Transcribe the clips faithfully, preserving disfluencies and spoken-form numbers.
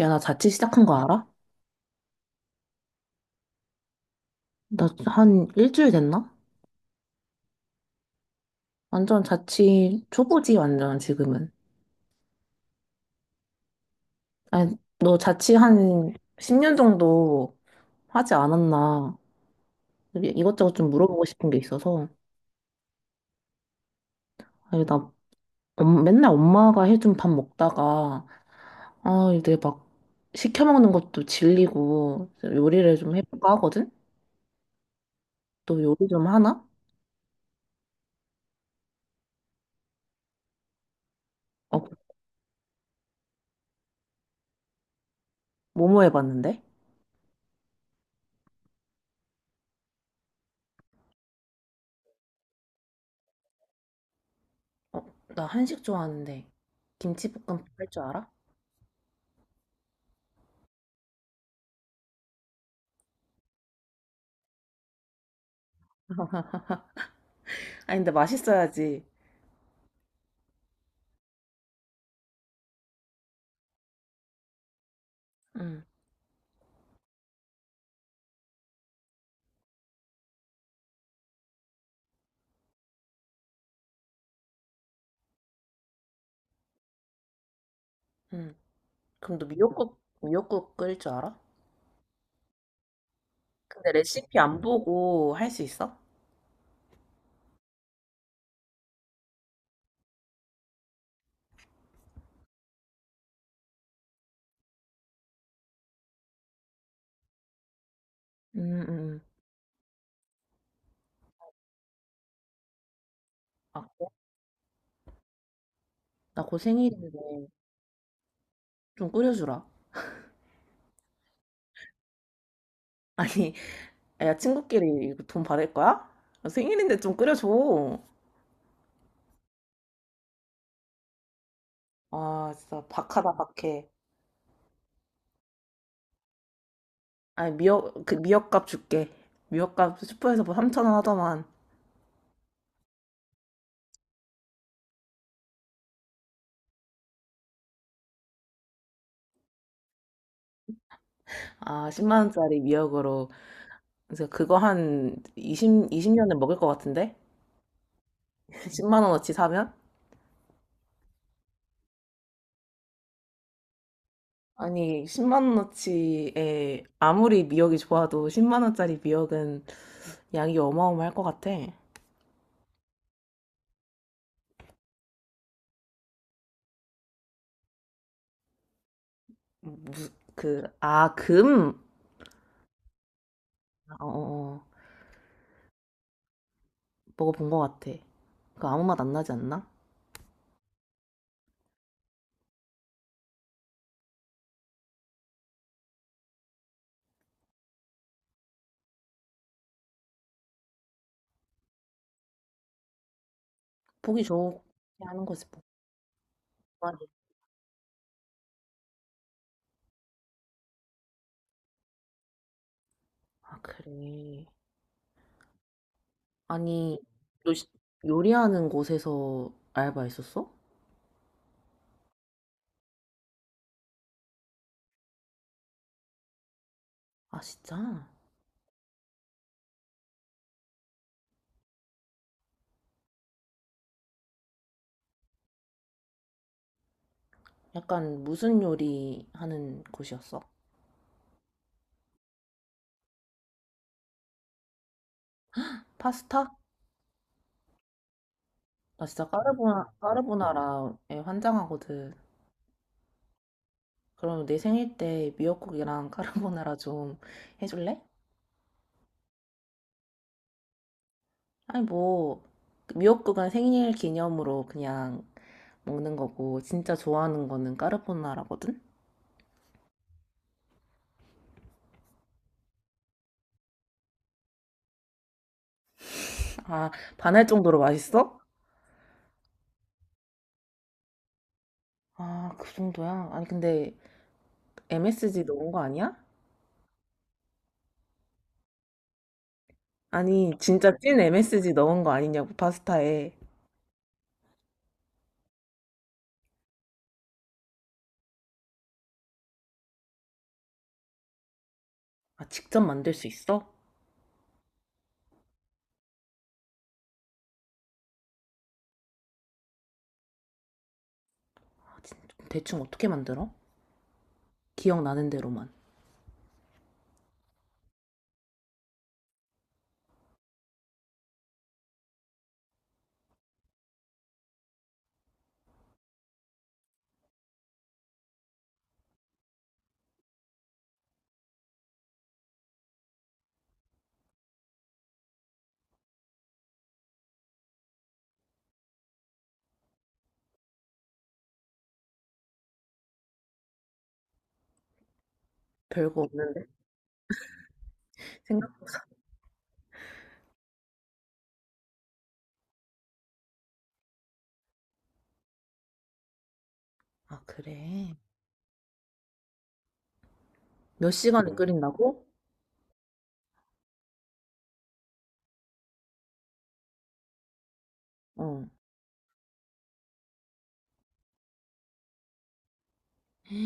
야, 나 자취 시작한 거 알아? 나 한 일주일 됐나? 완전 자취 초보지, 완전 지금은. 아니, 너 자취 한 십 년 정도 하지 않았나? 이것저것 좀 물어보고 싶은 게 있어서. 아니, 나 엄- 맨날 엄마가 해준 밥 먹다가, 아, 이제 막 시켜 먹는 것도 질리고, 요리를 좀 해볼까 하거든? 너 요리 좀 하나? 어, 뭐뭐 해봤는데? 어, 나 한식 좋아하는데. 김치볶음밥 할 줄 알아? 아니, 근데 맛있어야지. 응, 응. 그럼 너 미역국, 미역국 끓일 줄 알아? 근데 레시피 안 보고 할 수 있어? 응 응 응. 아, 나곧 생일인데 좀 끓여주라. 아니, 야, 친구끼리 이거 돈 받을 거야? 아, 생일인데 좀 끓여줘. 아, 진짜 박하다, 박해. 아니, 미역, 그 미역값 줄게. 미역값 슈퍼에서 뭐 삼천 원 하더만. 아, 십만 원짜리 미역으로. 그래서 그거 한 20, 이십 년을 먹을 것 같은데? 십만 원어치 사면? 아니, 십만 원어치에 아무리 미역이 좋아도 십만 원짜리 미역은 양이 어마어마할 것 같아. 무, 그, 아, 금? 아, 어, 어, 어. 먹어본 것 같아. 그 아무 맛 안 나지 않나? 보기 좋게 하는 거지, 뭐. 아, 그래. 아니, 요, 요리하는 곳에서 알바했었어? 아, 진짜? 약간 무슨 요리 하는 곳이었어? 파스타? 나 진짜 까르보나, 까르보나라에 환장하거든. 그럼 내 생일 때 미역국이랑 카르보나라 좀 해줄래? 아니 뭐 그 미역국은 생일 기념으로 그냥 먹는 거고 진짜 좋아하는 거는 카르보나라거든? 아 반할 정도로 맛있어? 아 그 정도야? 아니 근데 엠에스지 넣은 거 아니야? 아니 진짜 찐 엠에스지 넣은 거 아니냐고 파스타에 아 직접 만들 수 있어? 아, 진- 대충 어떻게 만들어? 기억나는 대로만 별거 없는데 생각보다 아 그래 몇 시간을 끓인다고? 어. 너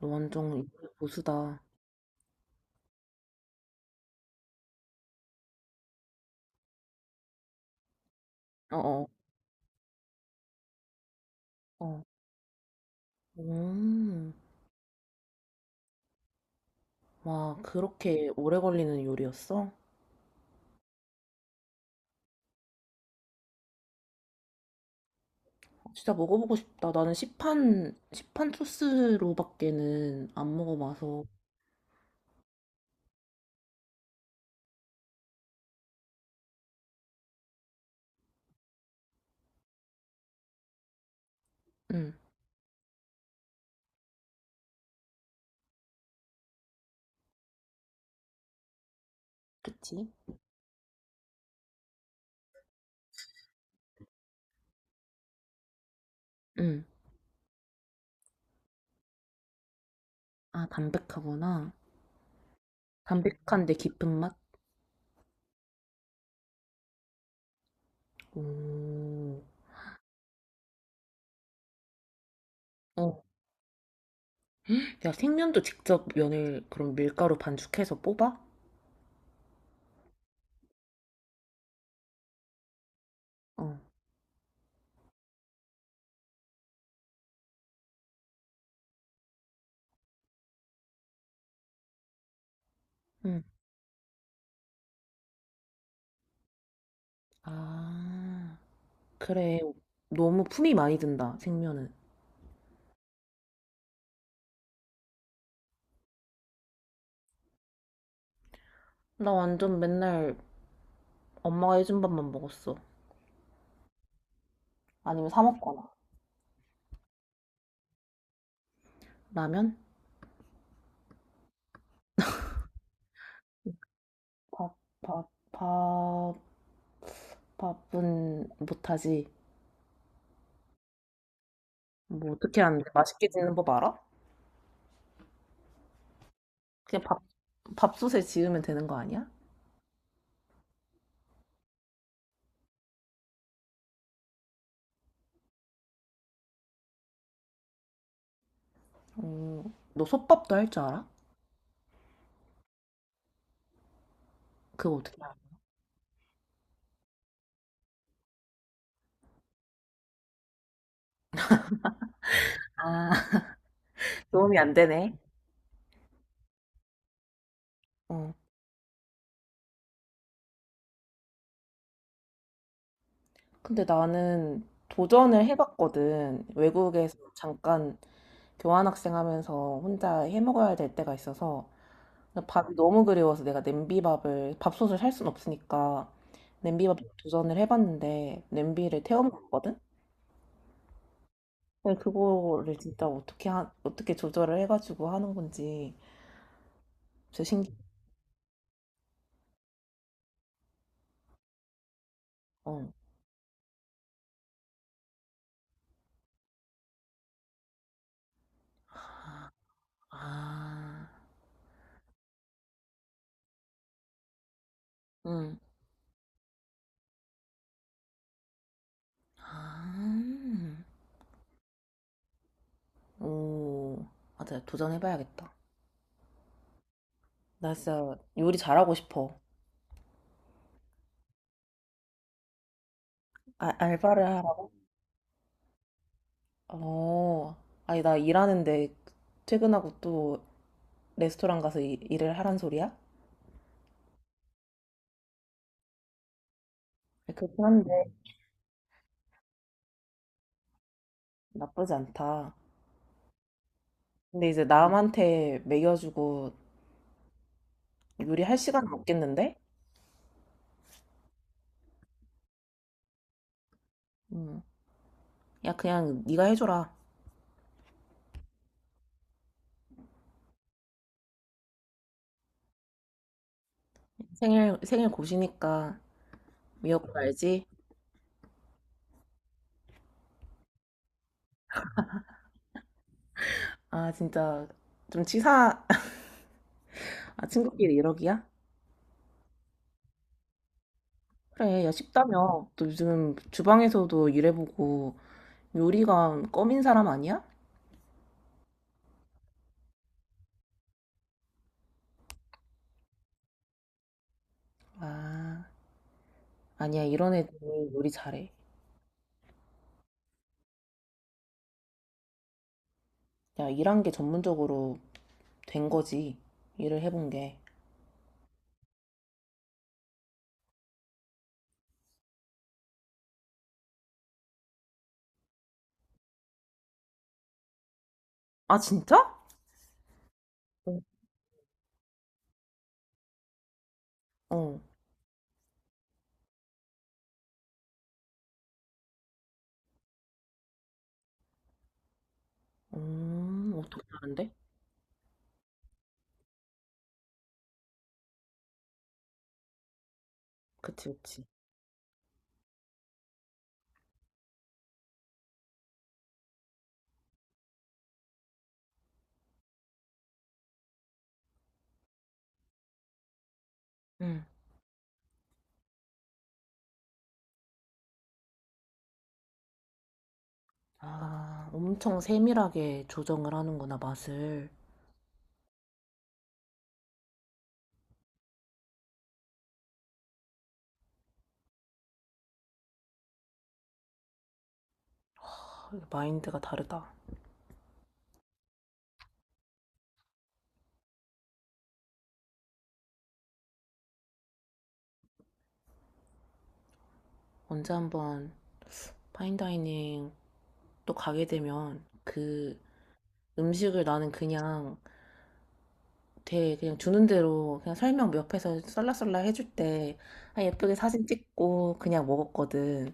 완전 인터 보수다. 어어. 어. 음. 와, 그렇게 오래 걸리는 요리였어? 진짜 먹어보고 싶다. 나는 시판, 시판 소스로밖에는 안 먹어봐서. 응, 그치? 응. 아, 담백하구나. 담백한데 깊은 맛? 오. 어. 야, 생면도 직접 면을 그럼 밀가루 반죽해서 뽑아? 어. 응. 아, 그래. 너무 품이 많이 든다, 생면은. 나 완전 맨날 엄마가 해준 밥만 먹었어. 아니면 사 먹거나. 라면? 밥, 밥, 밥, 밥은 못하지. 뭐 어떻게 하는데 맛있게 짓는 법 알아? 그냥 밥, 밥솥에 지으면 되는 거 아니야? 어, 너 솥밥도 할 줄 알아? 그거 어떻게 알아? 아, 도움이 안 되네. 어. 근데 나는 도전을 해봤거든. 외국에서 잠깐 교환학생 하면서 혼자 해먹어야 될 때가 있어서 근데 밥이 너무 그리워서 내가 냄비밥을 밥솥을 살 순 없으니까 냄비밥 도전을 해봤는데 냄비를 태워먹거든? 근데 그거를 진짜 어떻게 하, 어떻게 조절을 해가지고 하는 건지 진짜 신기해. 어. 아, 응. 아, 오, 맞아. 도전해봐야겠다. 나 진짜 요리 잘하고 싶어. 아, 알바를 하라고. 어, 아니 나 일하는데 퇴근하고 또 레스토랑 가서 이- 일을 하란 소리야? 그렇긴 한데 나쁘지 않다. 근데 이제 남한테 매겨주고 요리할 시간은 없겠는데? 음. 야, 그냥 네가 해줘라. 생일, 생일 고시니까 미역국 알지? 아, 진짜 좀 치사, 아, 친구끼리 이러기야? 그래, 야, 쉽다며. 또 요즘 주방에서도 일해보고 요리가 껌인 사람 아니야? 아, 아니야. 이런 애들이 요리 잘해. 야, 일한 게 전문적으로 된 거지. 일을 해본 게. 아, 진짜? 어. 음. 어떻게 하는데? 그치, 그치. 응. 아, 엄청 세밀하게 조정을 하는구나, 맛을. 아, 이거 마인드가 다르다. 언제 한번 파인다이닝 또 가게 되면 그 음식을 나는 그냥 되게 그냥 주는 대로 그냥 설명 옆에서 썰라썰라 해줄 때 아, 예쁘게 사진 찍고 그냥 먹었거든.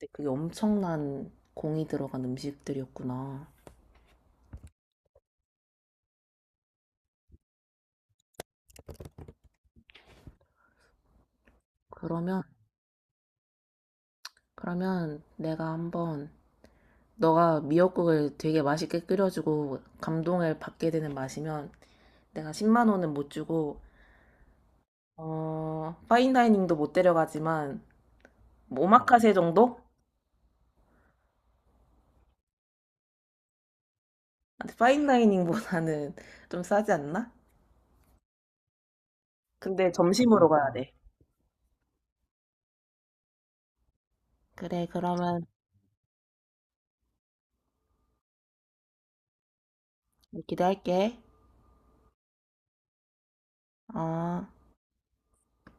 근데 그게 엄청난 공이 들어간 음식들이었구나. 그러면, 그러면 내가 한번 너가 미역국을 되게 맛있게 끓여주고 감동을 받게 되는 맛이면 내가 십만 원은 못 주고 어, 파인다이닝도 못 데려가지만 뭐 오마카세 정도? 파인다이닝보다는 좀 싸지 않나? 근데 점심으로 가야 돼. 그래, 그러면 기대할게. 어.